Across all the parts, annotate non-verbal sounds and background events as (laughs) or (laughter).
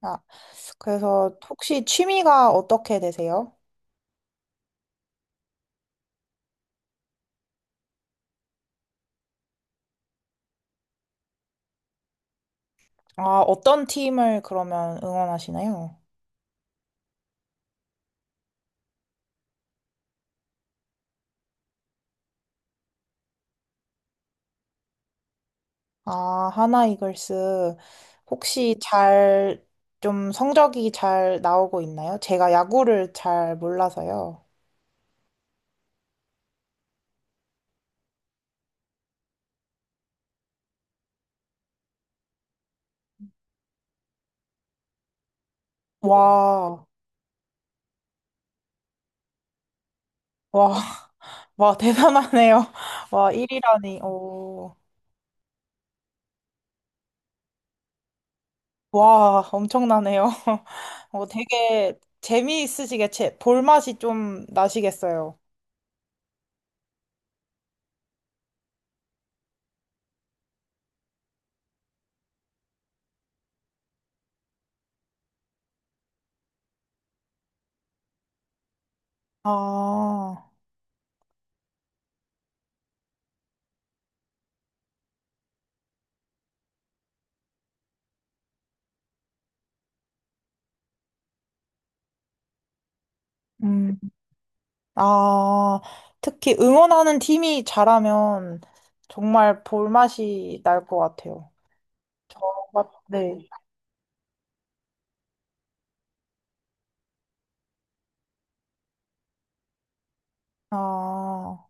아, 그래서 혹시 취미가 어떻게 되세요? 아, 어떤 팀을 그러면 응원하시나요? 아, 하나 이글스 혹시 잘 좀 성적이 잘 나오고 있나요? 제가 야구를 잘 몰라서요. 와, 와, (laughs) 와, 대단하네요. (laughs) 와, 1위라니. 오, 와, 엄청나네요. (laughs) 어, 되게 재미있으시게 볼맛이 좀 나시겠어요. 아, 음. 아, 특히 응원하는 팀이 잘하면 정말 볼맛이 날 것 같아요. 네. 아,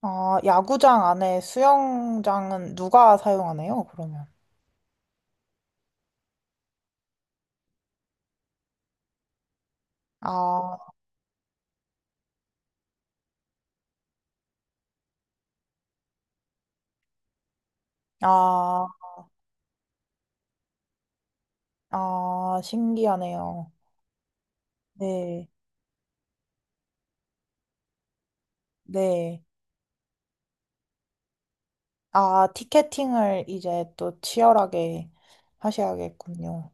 아, 야구장 안에 수영장은 누가 사용하나요, 그러면? 아, 아, 아, 신기하네요. 네, 네. 아, 티켓팅을 이제 또 치열하게 하셔야겠군요.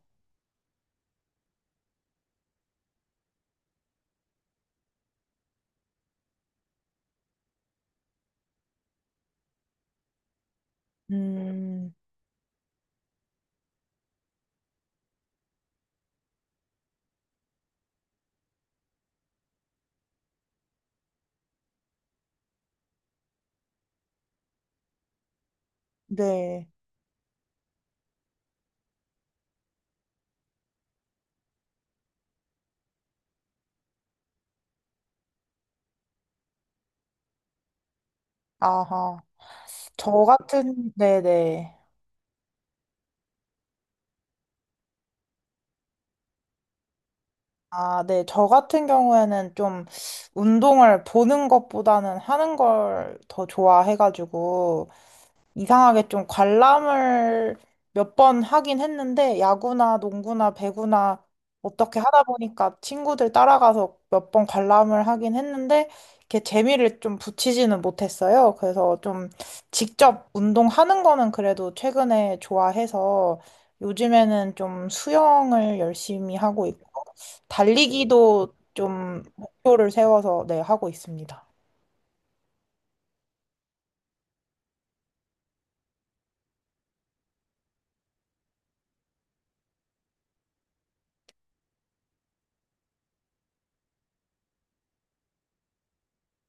음, 네. 아하. 네네. 아, 네. 저 같은 경우에는 좀 운동을 보는 것보다는 하는 걸 더 좋아해가지고, 이상하게 좀 관람을 몇 번 하긴 했는데, 야구나 농구나 배구나 어떻게 하다 보니까 친구들 따라가서 몇 번 관람을 하긴 했는데, 이렇게 재미를 좀 붙이지는 못했어요. 그래서 좀 직접 운동하는 거는 그래도 최근에 좋아해서 요즘에는 좀 수영을 열심히 하고 있고, 달리기도 좀 목표를 세워서 네, 하고 있습니다.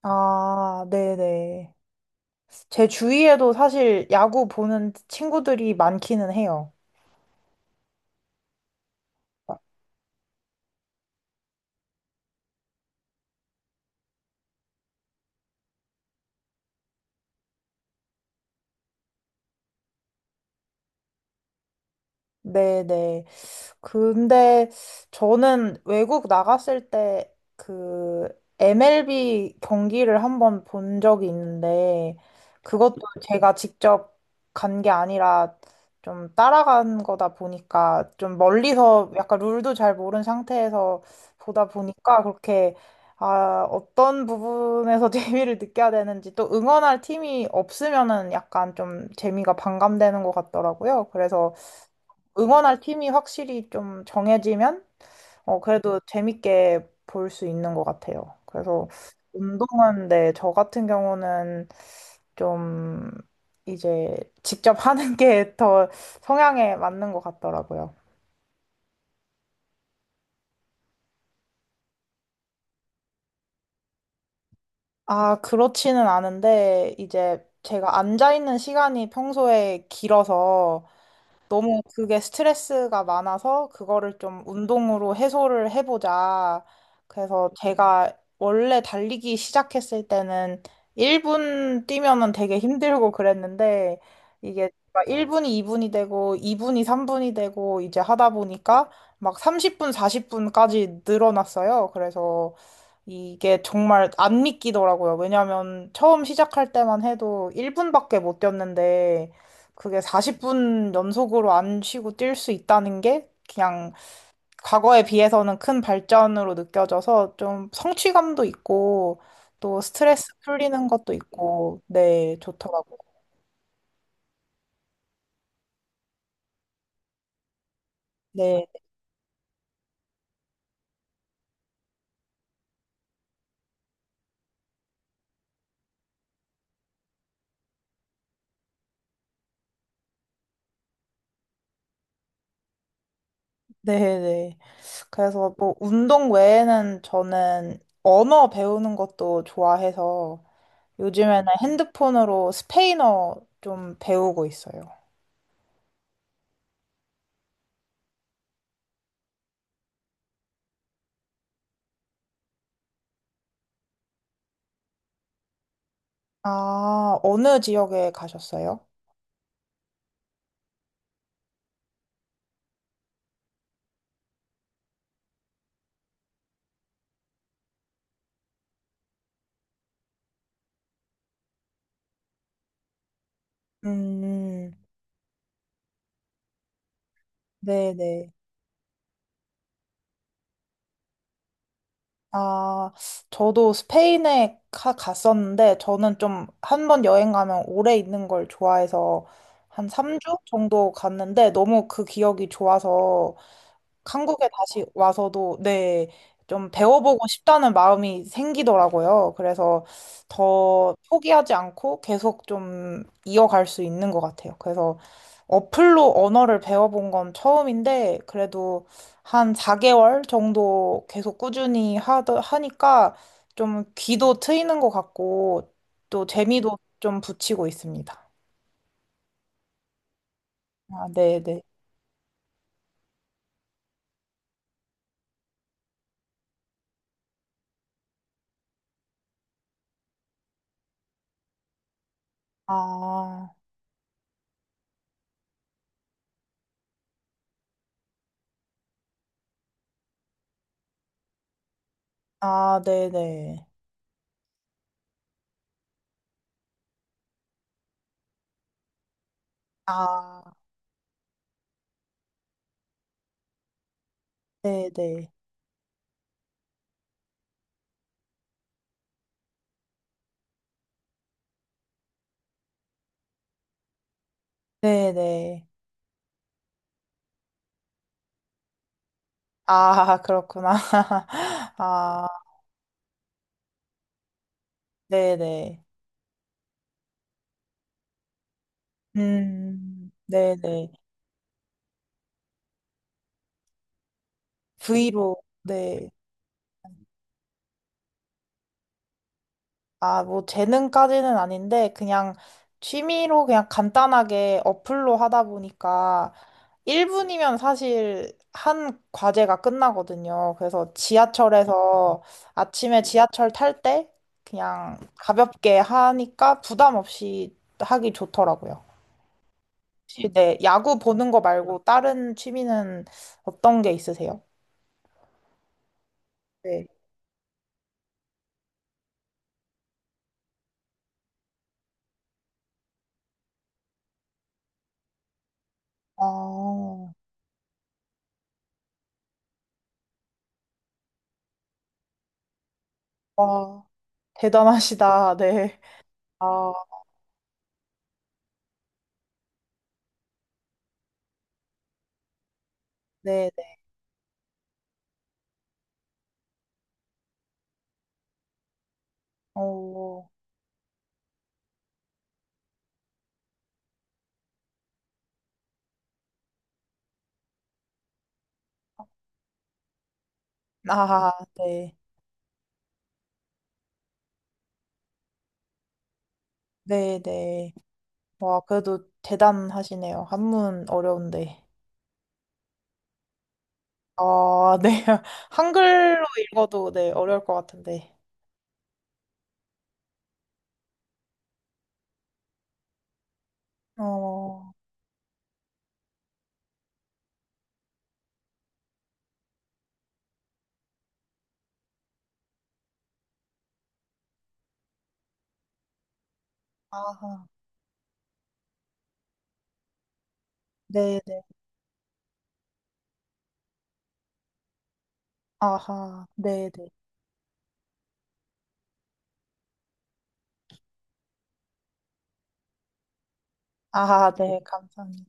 아, 네네. 제 주위에도 사실 야구 보는 친구들이 많기는 해요. 네네. 근데 저는 외국 나갔을 때 그 MLB 경기를 한번 본 적이 있는데 그것도 제가 직접 간 게 아니라 좀 따라간 거다 보니까 좀 멀리서 약간 룰도 잘 모르는 상태에서 보다 보니까 그렇게 아, 어떤 부분에서 (laughs) 재미를 느껴야 되는지 또 응원할 팀이 없으면은 약간 좀 재미가 반감되는 것 같더라고요. 그래서 응원할 팀이 확실히 좀 정해지면 어, 그래도 재밌게 볼 수 있는 것 같아요. 그래서 운동은 네, 저 같은 경우는 좀 이제 직접 (laughs) 하는 게 더 성향에 맞는 것 같더라고요. 아, 그렇지는 않은데 이제 제가 앉아 있는 시간이 평소에 길어서 너무 그게 스트레스가 많아서 그거를 좀 운동으로 해소를 해보자. 그래서 제가 원래 달리기 시작했을 때는 1분 뛰면은 되게 힘들고 그랬는데 이게 1분이 2분이 되고 2분이 3분이 되고 이제 하다 보니까 막 30분, 40분까지 늘어났어요. 그래서 이게 정말 안 믿기더라고요. 왜냐면 처음 시작할 때만 해도 1분밖에 못 뛰었는데 그게 40분 연속으로 안 쉬고 뛸 수 있다는 게 그냥 과거에 비해서는 큰 발전으로 느껴져서 좀 성취감도 있고 또 스트레스 풀리는 것도 있고 네, 좋더라고요. 네, 네, 네. 그래서 뭐 운동 외에는 저는 언어 배우는 것도 좋아해서 요즘에는 핸드폰으로 스페인어 좀 배우고 있어요. 아, 어느 지역에 가셨어요? 음, 네, 네. 아, 저도 스페인에 갔었는데, 저는 좀 한 번 여행 가면 오래 있는 걸 좋아해서 한 3주 정도 갔는데, 너무 그 기억이 좋아서 한국에 다시 와서도 네, 좀 배워보고 싶다는 마음이 생기더라고요. 그래서 더 포기하지 않고 계속 좀 이어갈 수 있는 것 같아요. 그래서 어플로 언어를 배워본 건 처음인데 그래도 한 4개월 정도 계속 꾸준히 하니까 좀 귀도 트이는 것 같고 또 재미도 좀 붙이고 있습니다. 아, 네네. 아, 아, 네네. 아, 네네. 네네. 아, 그렇구나. (laughs) 아, 네네. 네네. V로, 네. 아, 뭐, 재능까지는 아닌데, 그냥 취미로 그냥 간단하게 어플로 하다 보니까 1분이면 사실 한 과제가 끝나거든요. 그래서 지하철에서 아침에 지하철 탈 때 그냥 가볍게 하니까 부담 없이 하기 좋더라고요. 혹시 네, 야구 보는 거 말고 다른 취미는 어떤 게 있으세요? 네. 아, 와, 대단하시다. 네. 아, 네, 네. 오, 아, 네. 네, 네. 와, 그래도 대단하시네요. 한문 어려운데. 아, 네. (laughs) 한글로 읽어도 네, 어려울 것 같은데. 어, 아하. 네, 네. 아하. 네, 네. 아하, 네. 감사합니다.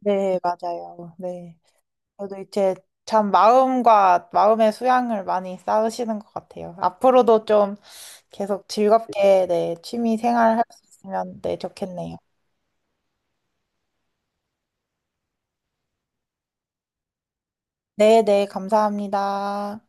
네, 맞아요. 네. 저도 이제 참 마음과 마음의 수양을 많이 쌓으시는 것 같아요. 앞으로도 좀 계속 즐겁게 네, 취미 생활 할 수 있으면 네, 좋겠네요. 네, 네, 감사합니다.